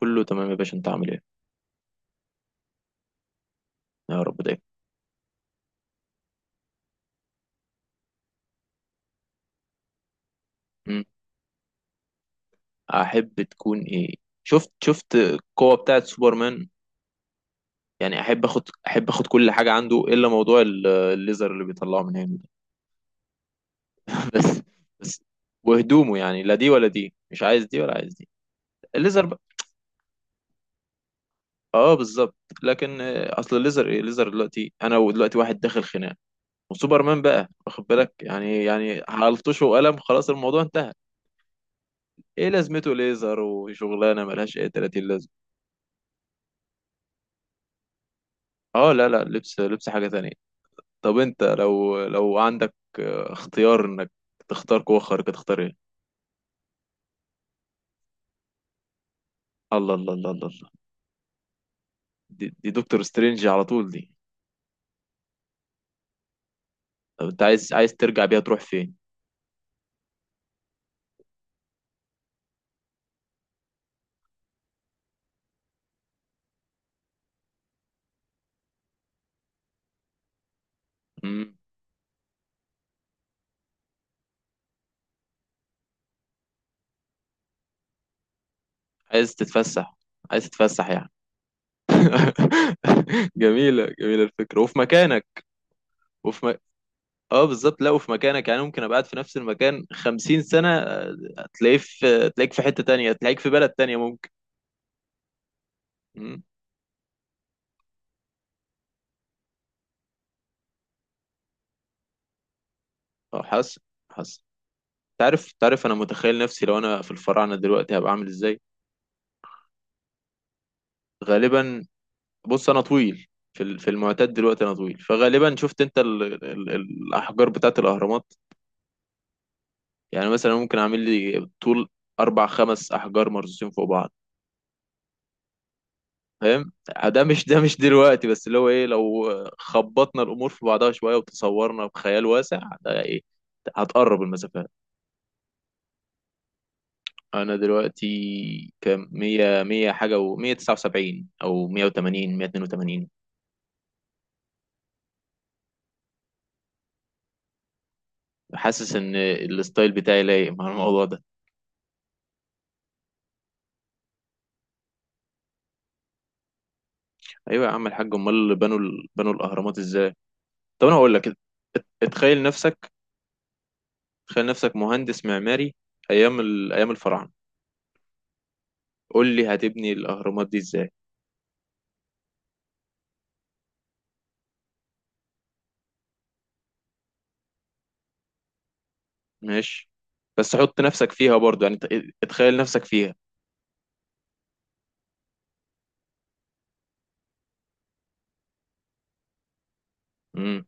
كله تمام يا باشا، انت عامل ايه؟ يا رب دايما. مم. احب تكون ايه؟ شفت القوة بتاعت سوبرمان، يعني احب اخد كل حاجة عنده الا موضوع الليزر اللي بيطلعه من هنا ده. بس بس وهدومه، يعني لا دي ولا دي، مش عايز دي ولا عايز دي. الليزر بقى. اه بالظبط. لكن اصل الليزر، ايه الليزر دلوقتي؟ انا ودلوقتي واحد داخل خناق وسوبرمان، بقى واخد بالك، يعني يعني هلطشه وقلم خلاص الموضوع انتهى. ايه لازمته ليزر وشغلانه ملهاش اي 30. اه لا لا، لبس حاجة تانية. طب انت لو عندك اختيار انك تختار قوة خارقة، تختار ايه؟ الله الله الله الله الله. دي دكتور سترينج على طول دي. طب انت عايز ترجع بيها تروح فين؟ مم. عايز تتفسح؟ عايز تتفسح يعني؟ جميلة جميلة الفكرة، وفي مكانك. وفي م... اه بالظبط، لا وفي مكانك، يعني ممكن ابقى قاعد في نفس المكان خمسين سنة هتلاقيه في تلاقيك في حتة تانية، تلاقيك في بلد تانية ممكن. مم. اه حاسس حاسس. تعرف انا متخيل نفسي لو انا في الفراعنه دلوقتي هبقى عامل ازاي. غالبا بص انا طويل. في المعتاد دلوقتي انا طويل، فغالبا شفت انت ال ال الاحجار بتاعت الاهرامات، يعني مثلا ممكن اعمل لي طول اربع خمس احجار مرصوصين فوق بعض. فاهم؟ ده مش دلوقتي بس، اللي هو ايه لو خبطنا الامور في بعضها شويه وتصورنا بخيال واسع ده، ايه؟ هتقرب المسافات. انا دلوقتي كام؟ 100 100 حاجه و 179 او 180 182. حاسس ان الستايل بتاعي لايق مع الموضوع ده. ايوه يا عم الحاج، امال اللي بنوا الاهرامات ازاي؟ طب انا هقول لك، اتخيل نفسك، تخيل نفسك مهندس معماري ايام الفراعنه، قول لي هتبني الاهرامات دي ازاي؟ ماشي، بس حط نفسك فيها برضه، يعني اتخيل نفسك فيها. امم.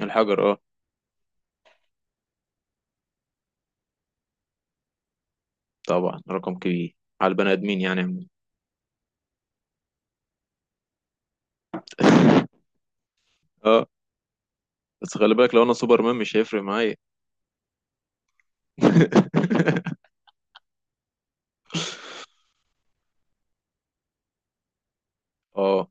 الحجر اه. طبعا رقم كبير على البني ادمين يعني عموماً. اه، بس خلي بالك لو انا سوبرمان مش هيفرق معايا. اه،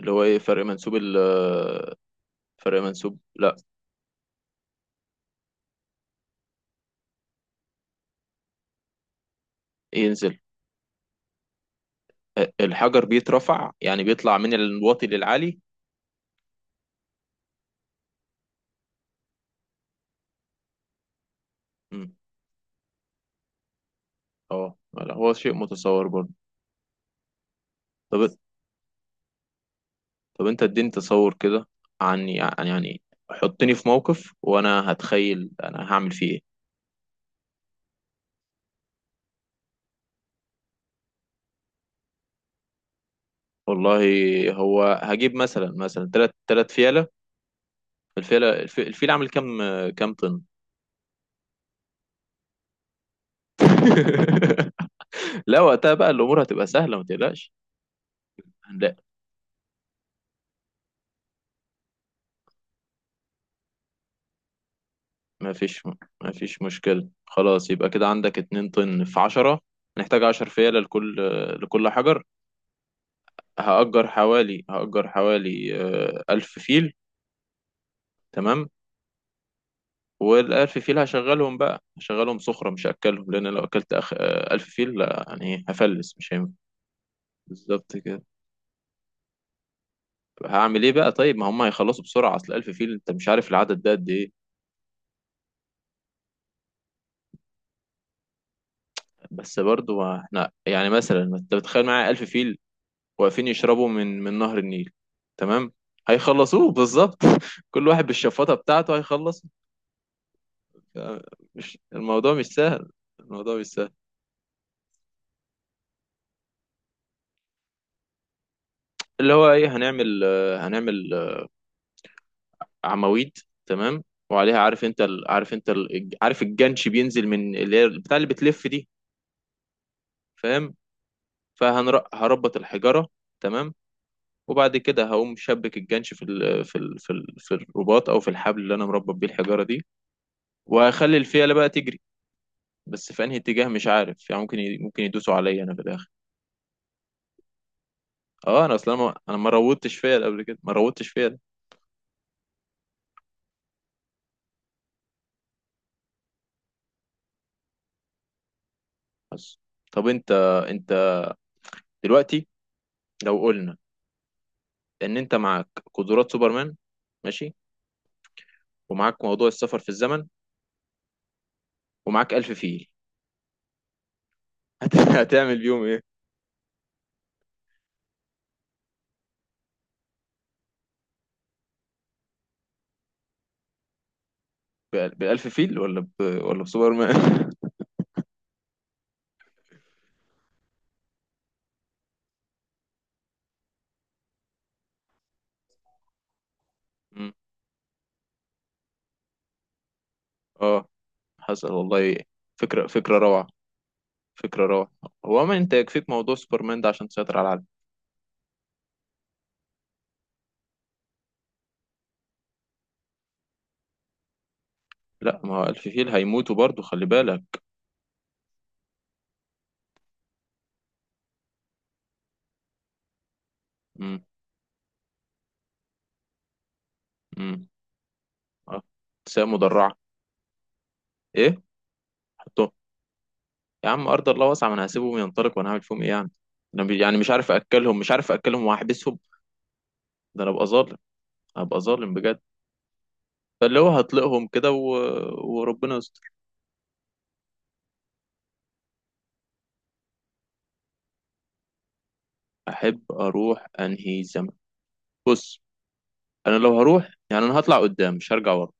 اللي هو ايه فرق منسوب لا. ينزل. الحجر بيترفع يعني، بيطلع من الواطي للعالي. مم. اه لا، هو شيء متصور برضه. طب طب انت اديني تصور كده، عن يعني يعني حطني في موقف وانا هتخيل انا هعمل فيه ايه. والله هو هجيب مثلا تلات فيلة. الفيلة الفيل عامل كام؟ كام طن؟ لا وقتها بقى الامور هتبقى سهلة، ما تقلقش. هنلاقي. ما فيش ما فيش مشكلة، خلاص يبقى كده عندك اتنين طن في عشرة. هنحتاج عشر فيلة لكل حجر. هأجر حوالي ألف فيل. تمام. والألف فيل هشغلهم بقى، هشغلهم صخرة مش هأكلهم، لأن لو أكلت أخ... آه، ألف فيل لا، يعني هفلس مش هينفع. بالظبط كده. هعمل ايه بقى؟ طيب ما هم هيخلصوا بسرعة، اصل 1000 فيل انت مش عارف العدد ده قد ايه. بس برضو احنا يعني مثلا انت بتخيل معايا 1000 فيل واقفين يشربوا من نهر النيل. تمام. هيخلصوه بالظبط. كل واحد بالشفاطة بتاعته هيخلص. آه، مش الموضوع مش سهل، الموضوع مش سهل. اللي هو ايه، هنعمل هنعمل عواميد. تمام. وعليها عارف انت عارف الجنش بينزل من اللي هي بتاع اللي بتلف دي. فاهم؟ فهربط الحجارة. تمام. وبعد كده هقوم شبك الجنش في الرباط او في الحبل اللي انا مربط بيه الحجارة دي. وهخلي الفيلة بقى تجري، بس في انهي اتجاه مش عارف يعني ممكن ممكن يدوسوا عليا انا في الاخر. اه انا اصلا ما... انا ما روضتش فيا قبل كده، ما روضتش فيا. بس طب انت دلوقتي لو قلنا ان انت معاك قدرات سوبرمان، ماشي، ومعاك موضوع السفر في الزمن، ومعاك ألف فيل. هتعمل بيهم ايه؟ بالألف فيل ولا ولا بسوبرمان؟ مم. اه حصل والله. فكرة روعة. فكرة روعة. هو ما انت يكفيك موضوع سوبرمان ده عشان تسيطر على العالم. لا ما هو ألف فيل هيموتوا برضو، خلي بالك. مم. مم. اه. ساقية مدرعة. ايه؟ حطهم. يا عم ارض الله واسعة، ما انا هسيبهم ينطلقوا، وانا هعمل فيهم ايه يعني؟ انا يعني مش عارف اكلهم، مش عارف اكلهم واحبسهم. ده انا ابقى ظالم، هبقى ظالم بجد. فاللي هو هطلقهم كده وربنا يستر. احب اروح انهي زمن؟ بص انا لو هروح يعني، انا هطلع قدام مش هرجع ورا.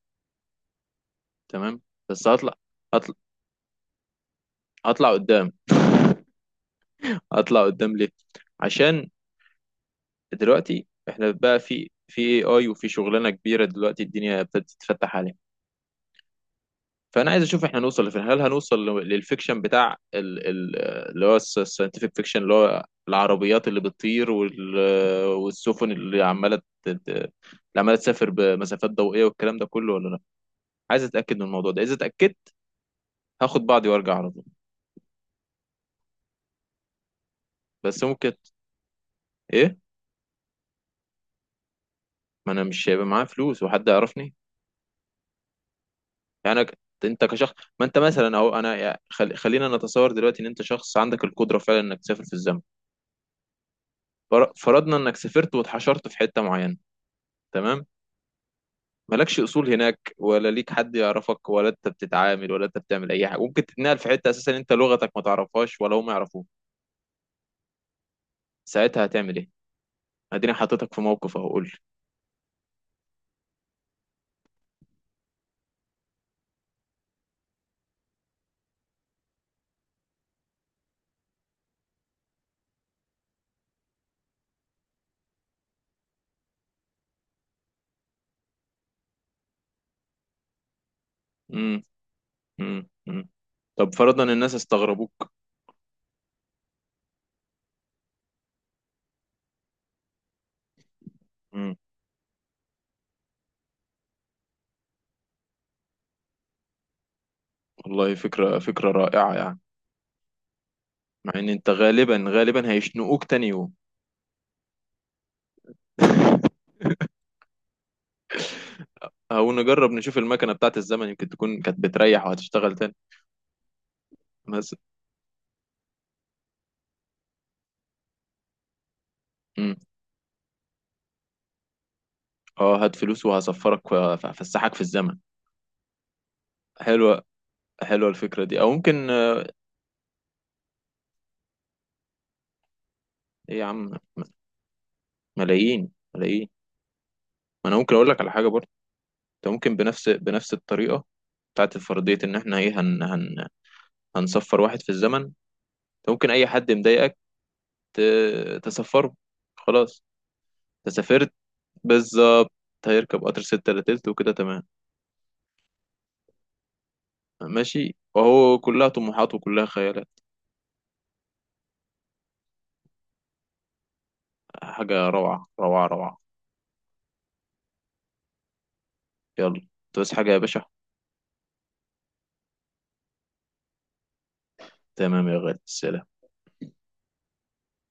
تمام. بس هطلع. هطلع هطلع قدام. هطلع قدام ليه؟ عشان دلوقتي احنا بقى في اي وفي شغلانة كبيرة دلوقتي، الدنيا ابتدت تتفتح عليها. فانا عايز اشوف احنا هنوصل لفين، هل هنوصل للفيكشن بتاع اللي هو الساينتفك فيكشن، اللي هو العربيات اللي بتطير والسفن اللي عماله اللي عماله تسافر بمسافات ضوئيه والكلام ده كله، ولا لا. عايز اتاكد من الموضوع ده، اذا اتاكدت هاخد بعضي وارجع على طول. بس ممكن. ايه؟ ما انا مش هيبقى معايا فلوس وحد يعرفني. يعني انت كشخص، ما انت مثلا اهو، انا خلينا نتصور دلوقتي ان انت شخص عندك القدره فعلا انك تسافر في الزمن. فرضنا انك سافرت واتحشرت في حته معينه. تمام. مالكش اصول هناك، ولا ليك حد يعرفك، ولا انت بتتعامل، ولا انت بتعمل اي حاجه ممكن تتنقل في حته، اساسا انت لغتك ما تعرفهاش ولا هم يعرفوك. ساعتها هتعمل ايه؟ اديني حطيتك في موقف اهو، قول لي. امم. امم. طب فرضا الناس استغربوك. امم. والله فكره، فكره رائعه يعني. مع ان انت غالبا هيشنقوك تاني يوم. او نجرب نشوف المكنه بتاعت الزمن يمكن تكون كانت بتريح وهتشتغل تاني. مثلا. امم. اه هات فلوس وهسفرك هفسحك في الزمن. حلوه. حلوه الفكره دي، او ممكن. ايه يا عم ملايين، ملايين. ما انا ممكن اقول لك على حاجه برضه، انت ممكن بنفس الطريقه بتاعت الفرضيه ان احنا ايه، هن هن هنصفر واحد في الزمن. انت ممكن اي حد مضايقك تسفره، خلاص، انت سافرت. بالظبط. هيركب قطر ستة إلا تلت، وكده تمام. ماشي وهو كلها طموحات وكلها خيالات. حاجة روعة روعة روعة. يلا، انت بس حاجة يا باشا. تمام يا غالي، سلام.